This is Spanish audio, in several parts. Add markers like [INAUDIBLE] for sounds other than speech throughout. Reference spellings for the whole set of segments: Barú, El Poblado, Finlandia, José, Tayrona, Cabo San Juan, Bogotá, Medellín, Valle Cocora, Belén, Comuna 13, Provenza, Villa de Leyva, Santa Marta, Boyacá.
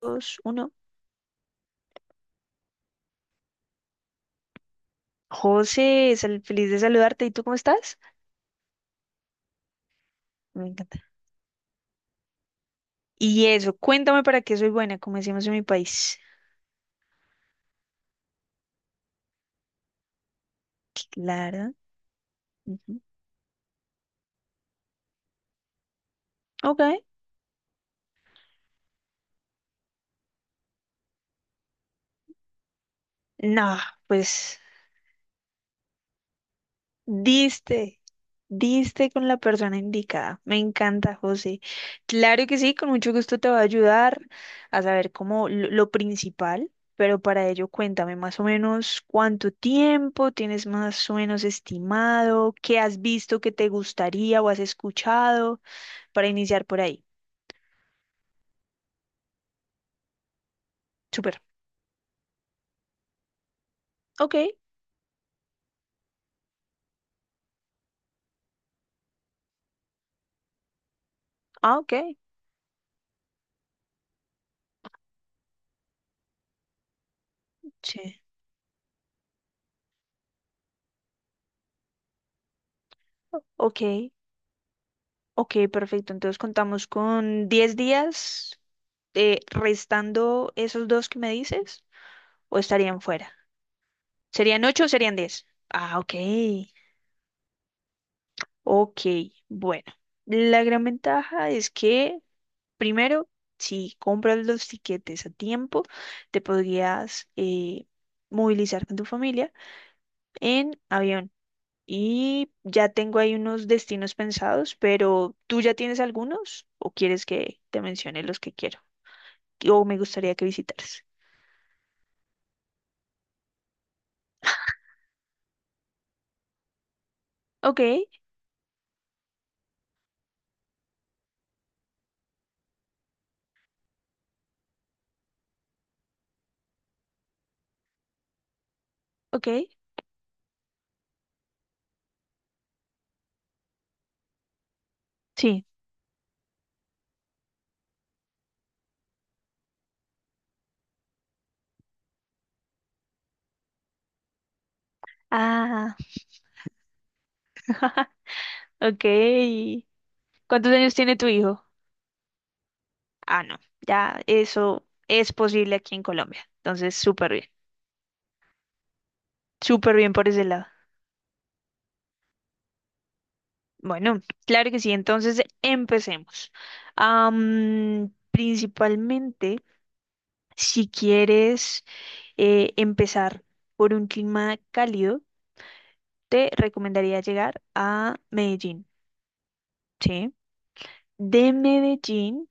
Dos, uno. José, es feliz de saludarte. ¿Y tú cómo estás? Me encanta. Y eso, cuéntame para qué soy buena, como decimos en mi país. Claro. Ujú. Ok. No, pues diste, diste con la persona indicada. Me encanta, José. Claro que sí, con mucho gusto te voy a ayudar a saber cómo lo principal, pero para ello cuéntame más o menos cuánto tiempo tienes más o menos estimado, qué has visto que te gustaría o has escuchado. Para iniciar por ahí. Súper. Ok, ah, ok. Sí. Ok, ok, perfecto. Entonces contamos con 10 días restando esos dos que me dices, o estarían fuera. ¿Serían 8 o serían 10? Ah, ok, ok. Bueno, la gran ventaja es que, primero, si compras los tiquetes a tiempo, te podrías movilizar con tu familia en avión. Y ya tengo ahí unos destinos pensados, pero ¿tú ya tienes algunos o quieres que te mencione los que quiero o me gustaría que visitaras? Ok, ok, sí. Ah, [LAUGHS] ok. ¿Cuántos años tiene tu hijo? Ah, no, ya eso es posible aquí en Colombia. Entonces, súper bien por ese lado. Bueno, claro que sí, entonces empecemos. Principalmente, si quieres... empezar por un clima cálido, te recomendaría llegar a Medellín, ¿sí? De Medellín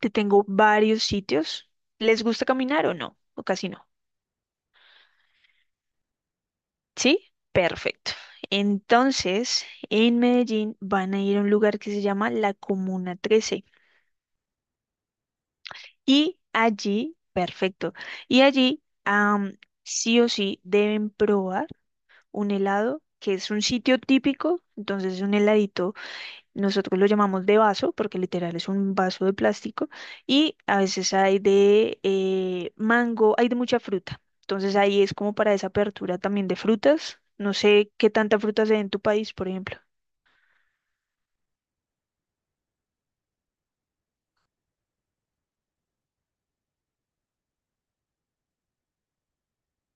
te tengo varios sitios. ¿Les gusta caminar o no? ¿O casi no? ¿Sí? Perfecto. Entonces, en Medellín van a ir a un lugar que se llama la Comuna 13 y allí, perfecto, y allí sí o sí deben probar un helado que es un sitio típico, entonces un heladito. Nosotros lo llamamos de vaso porque literal es un vaso de plástico y a veces hay de mango, hay de mucha fruta. Entonces ahí es como para esa apertura también de frutas. No sé qué tanta fruta se ve en tu país, por ejemplo.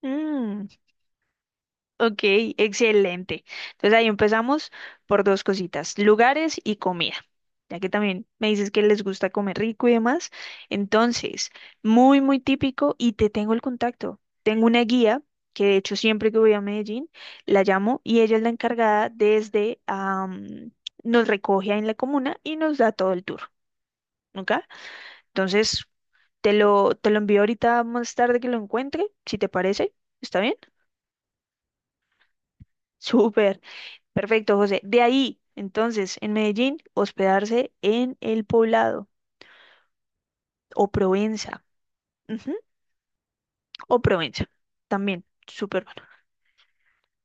Mm, ok, excelente. Entonces ahí empezamos por dos cositas, lugares y comida, ya que también me dices que les gusta comer rico y demás. Entonces, muy, muy típico y te tengo el contacto. Tengo una guía que de hecho siempre que voy a Medellín la llamo y ella es la encargada desde, nos recoge ahí en la comuna y nos da todo el tour, ¿ok? Entonces, te lo envío ahorita más tarde que lo encuentre, si te parece. ¿Está bien? [LAUGHS] Súper. Perfecto, José. De ahí, entonces, en Medellín, hospedarse en El Poblado o Provenza. Ujú, o Provenza. También, súper bueno.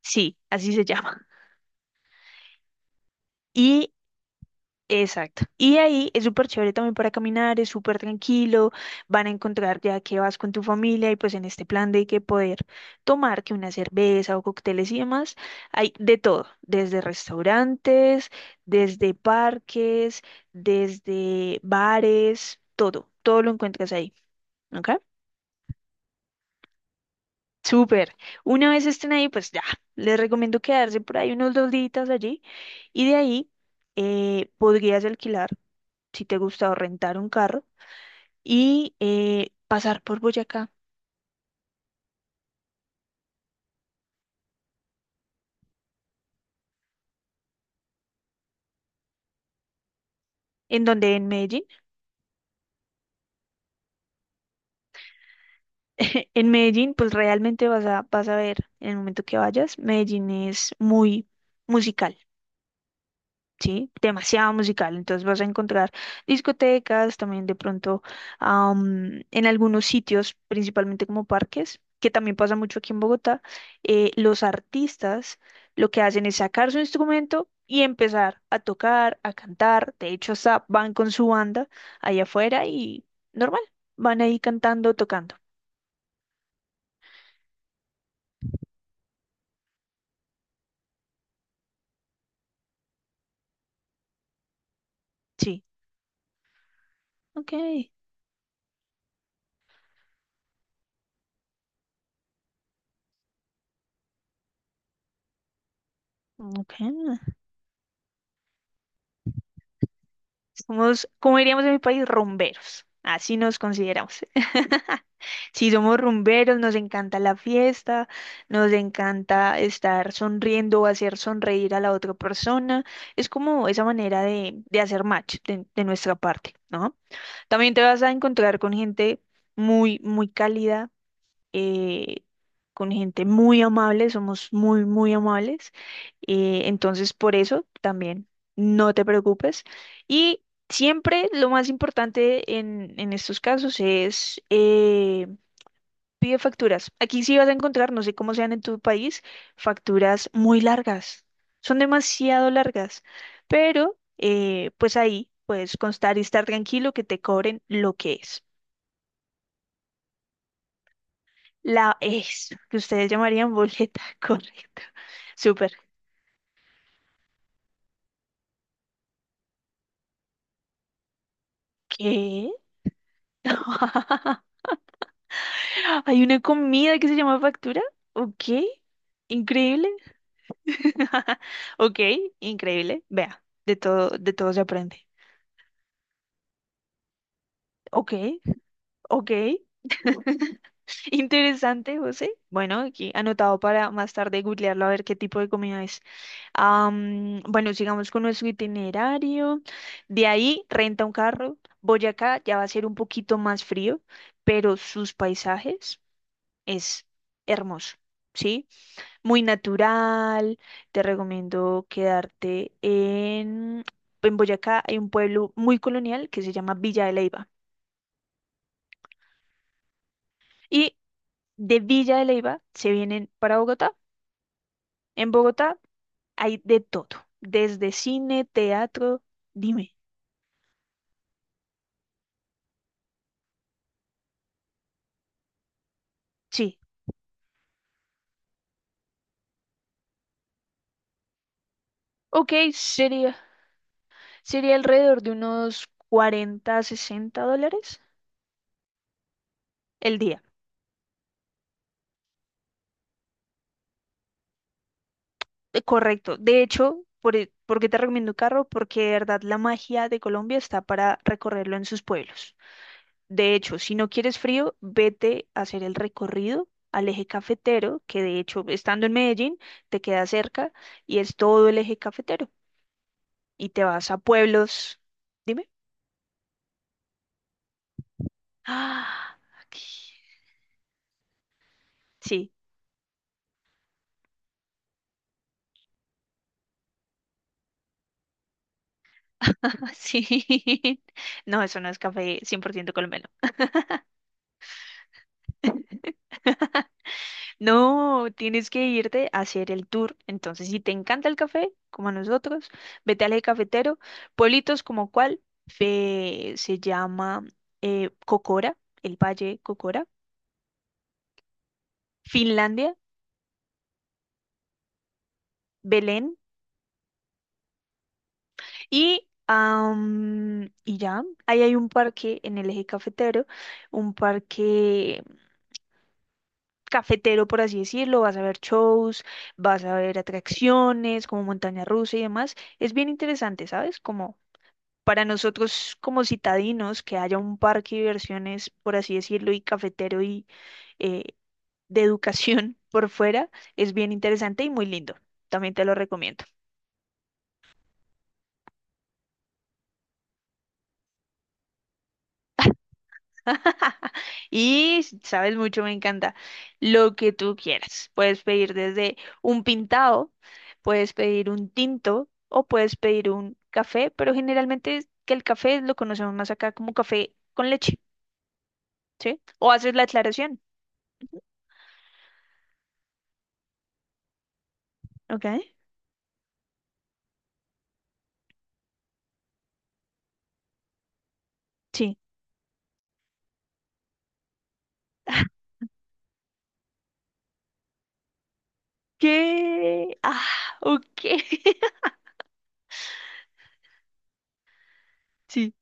Sí, así se llama. Y exacto. Y ahí es súper chévere también para caminar, es súper tranquilo, van a encontrar ya que vas con tu familia y pues en este plan de que poder tomar que una cerveza o cócteles y demás, hay de todo, desde restaurantes, desde parques, desde bares, todo, todo lo encuentras ahí, ¿ok? Súper. Una vez estén ahí, pues ya, les recomiendo quedarse por ahí unos dos días allí y de ahí podrías alquilar, si te gusta, o rentar un carro y pasar por Boyacá, en donde en Medellín, [LAUGHS] en Medellín pues realmente vas vas a ver en el momento que vayas, Medellín es muy musical. ¿Sí? Demasiado musical. Entonces vas a encontrar discotecas, también de pronto en algunos sitios, principalmente como parques, que también pasa mucho aquí en Bogotá, los artistas lo que hacen es sacar su instrumento y empezar a tocar, a cantar. De hecho, hasta van con su banda allá afuera y normal, van ahí cantando, tocando. Sí, ok. Ok, somos, como diríamos en mi país, rumberos. Así nos consideramos. [LAUGHS] Si somos rumberos, nos encanta la fiesta, nos encanta estar sonriendo o hacer sonreír a la otra persona. Es como esa manera de hacer match de nuestra parte, ¿no? También te vas a encontrar con gente muy, muy cálida, eh, con gente muy amable, somos muy, muy amables. Entonces, por eso también no te preocupes. Y siempre lo más importante en estos casos es... pide facturas. Aquí sí vas a encontrar, no sé cómo sean en tu país, facturas muy largas. Son demasiado largas. Pero, pues ahí puedes constar y estar tranquilo que te cobren lo que es. La es, que ustedes llamarían boleta, [LAUGHS] correcto. Súper. ¿Qué? [LAUGHS] ¿Hay una comida que se llama factura? Ok. Increíble. [LAUGHS] Ok, increíble. Vea, de todo se aprende. Ok, ok. Interesante, José. Bueno, aquí anotado para más tarde googlearlo a ver qué tipo de comida es. Bueno, sigamos con nuestro itinerario. De ahí renta un carro. Boyacá ya va a ser un poquito más frío, pero sus paisajes es hermoso, ¿sí? Muy natural. Te recomiendo quedarte en Boyacá. Hay un pueblo muy colonial que se llama Villa de Leyva. Y de Villa de Leyva se vienen para Bogotá. En Bogotá hay de todo, desde cine, teatro, dime. Sí, ok, sería alrededor de unos 40, 60 dólares el día. Correcto. De hecho, por, e- ¿por qué te recomiendo carro? Porque de verdad la magia de Colombia está para recorrerlo en sus pueblos. De hecho, si no quieres frío, vete a hacer el recorrido al eje cafetero, que de hecho, estando en Medellín, te queda cerca y es todo el eje cafetero. Y te vas a pueblos. Dime. Ah, aquí. Sí, [LAUGHS] sí. No, eso no es café 100% colombiano. No, tienes que irte a hacer el tour. Entonces, si te encanta el café, como a nosotros, vete al eje cafetero. Pueblitos como cuál, Fe- se llama Cocora, el Valle Cocora, Finlandia, Belén y... y ya, ahí hay un parque en el eje cafetero, un parque cafetero, por así decirlo, vas a ver shows, vas a ver atracciones como montaña rusa y demás. Es bien interesante, ¿sabes? Como para nosotros como citadinos, que haya un parque de diversiones, por así decirlo, y cafetero y eh, de educación [LAUGHS] por fuera, es bien interesante y muy lindo. También te lo recomiendo. [LAUGHS] Y sabes mucho, me encanta. Lo que tú quieras. Puedes pedir desde un pintado, puedes pedir un tinto o puedes pedir un café, pero generalmente es que el café lo conocemos más acá como café con leche, ¿sí? O haces la aclaración, ¿ok? Sí. [LAUGHS] ¿Qué? Ah, ok. [LAUGHS] Sí.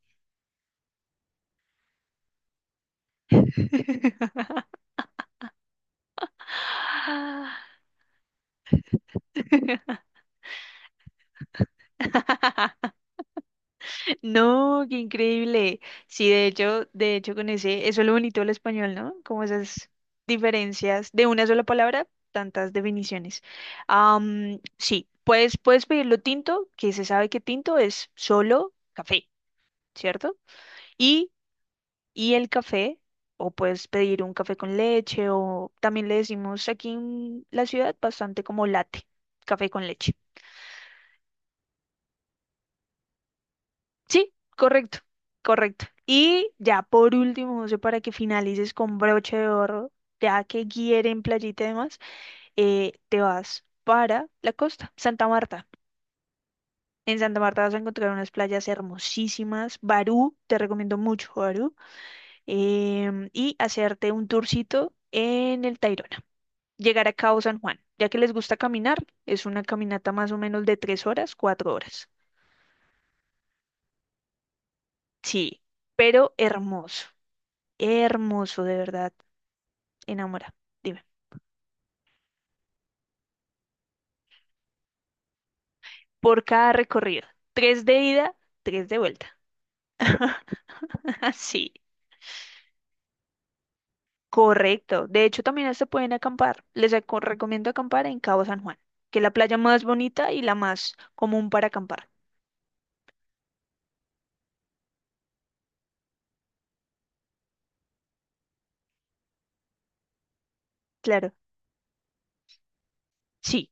[LAUGHS] [LAUGHS] No, qué increíble. Sí, de hecho con ese, eso es lo bonito del español, ¿no? Como esas diferencias de una sola palabra, tantas definiciones. Sí, puedes pedirlo tinto, que se sabe que tinto es solo café, ¿cierto? Y, y el café, o puedes pedir un café con leche, o también le decimos aquí en la ciudad bastante como latte, café con leche. Sí, correcto, correcto. Y ya por último, José, para que finalices con broche de oro, ya que quieren playita y demás, te vas para la costa, Santa Marta. En Santa Marta vas a encontrar unas playas hermosísimas. Barú, te recomiendo mucho Barú. Y hacerte un tourcito en el Tayrona. Llegar a Cabo San Juan, ya que les gusta caminar, es una caminata más o menos de 3 horas, 4 horas. Sí, pero hermoso, hermoso de verdad. Enamora. Dime. Por cada recorrido. Tres de ida, tres de vuelta. [LAUGHS] Así. Correcto. De hecho, también se pueden acampar. Les aco- recomiendo acampar en Cabo San Juan, que es la playa más bonita y la más común para acampar. Claro. Sí.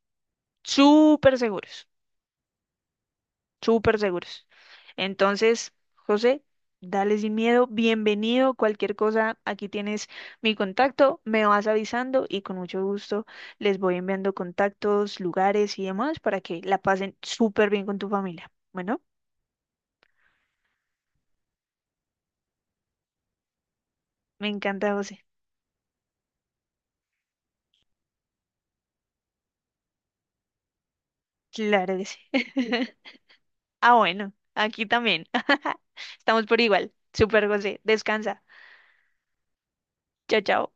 Súper seguros. Súper seguros. Entonces, José, dale sin miedo, bienvenido, cualquier cosa, aquí tienes mi contacto, me vas avisando y con mucho gusto les voy enviando contactos, lugares y demás para que la pasen súper bien con tu familia. Bueno, me encanta, José. Claro que sí. [LAUGHS] Ah, bueno, aquí también. [LAUGHS] Estamos por igual. Súper, José. Descansa. Chao, chao.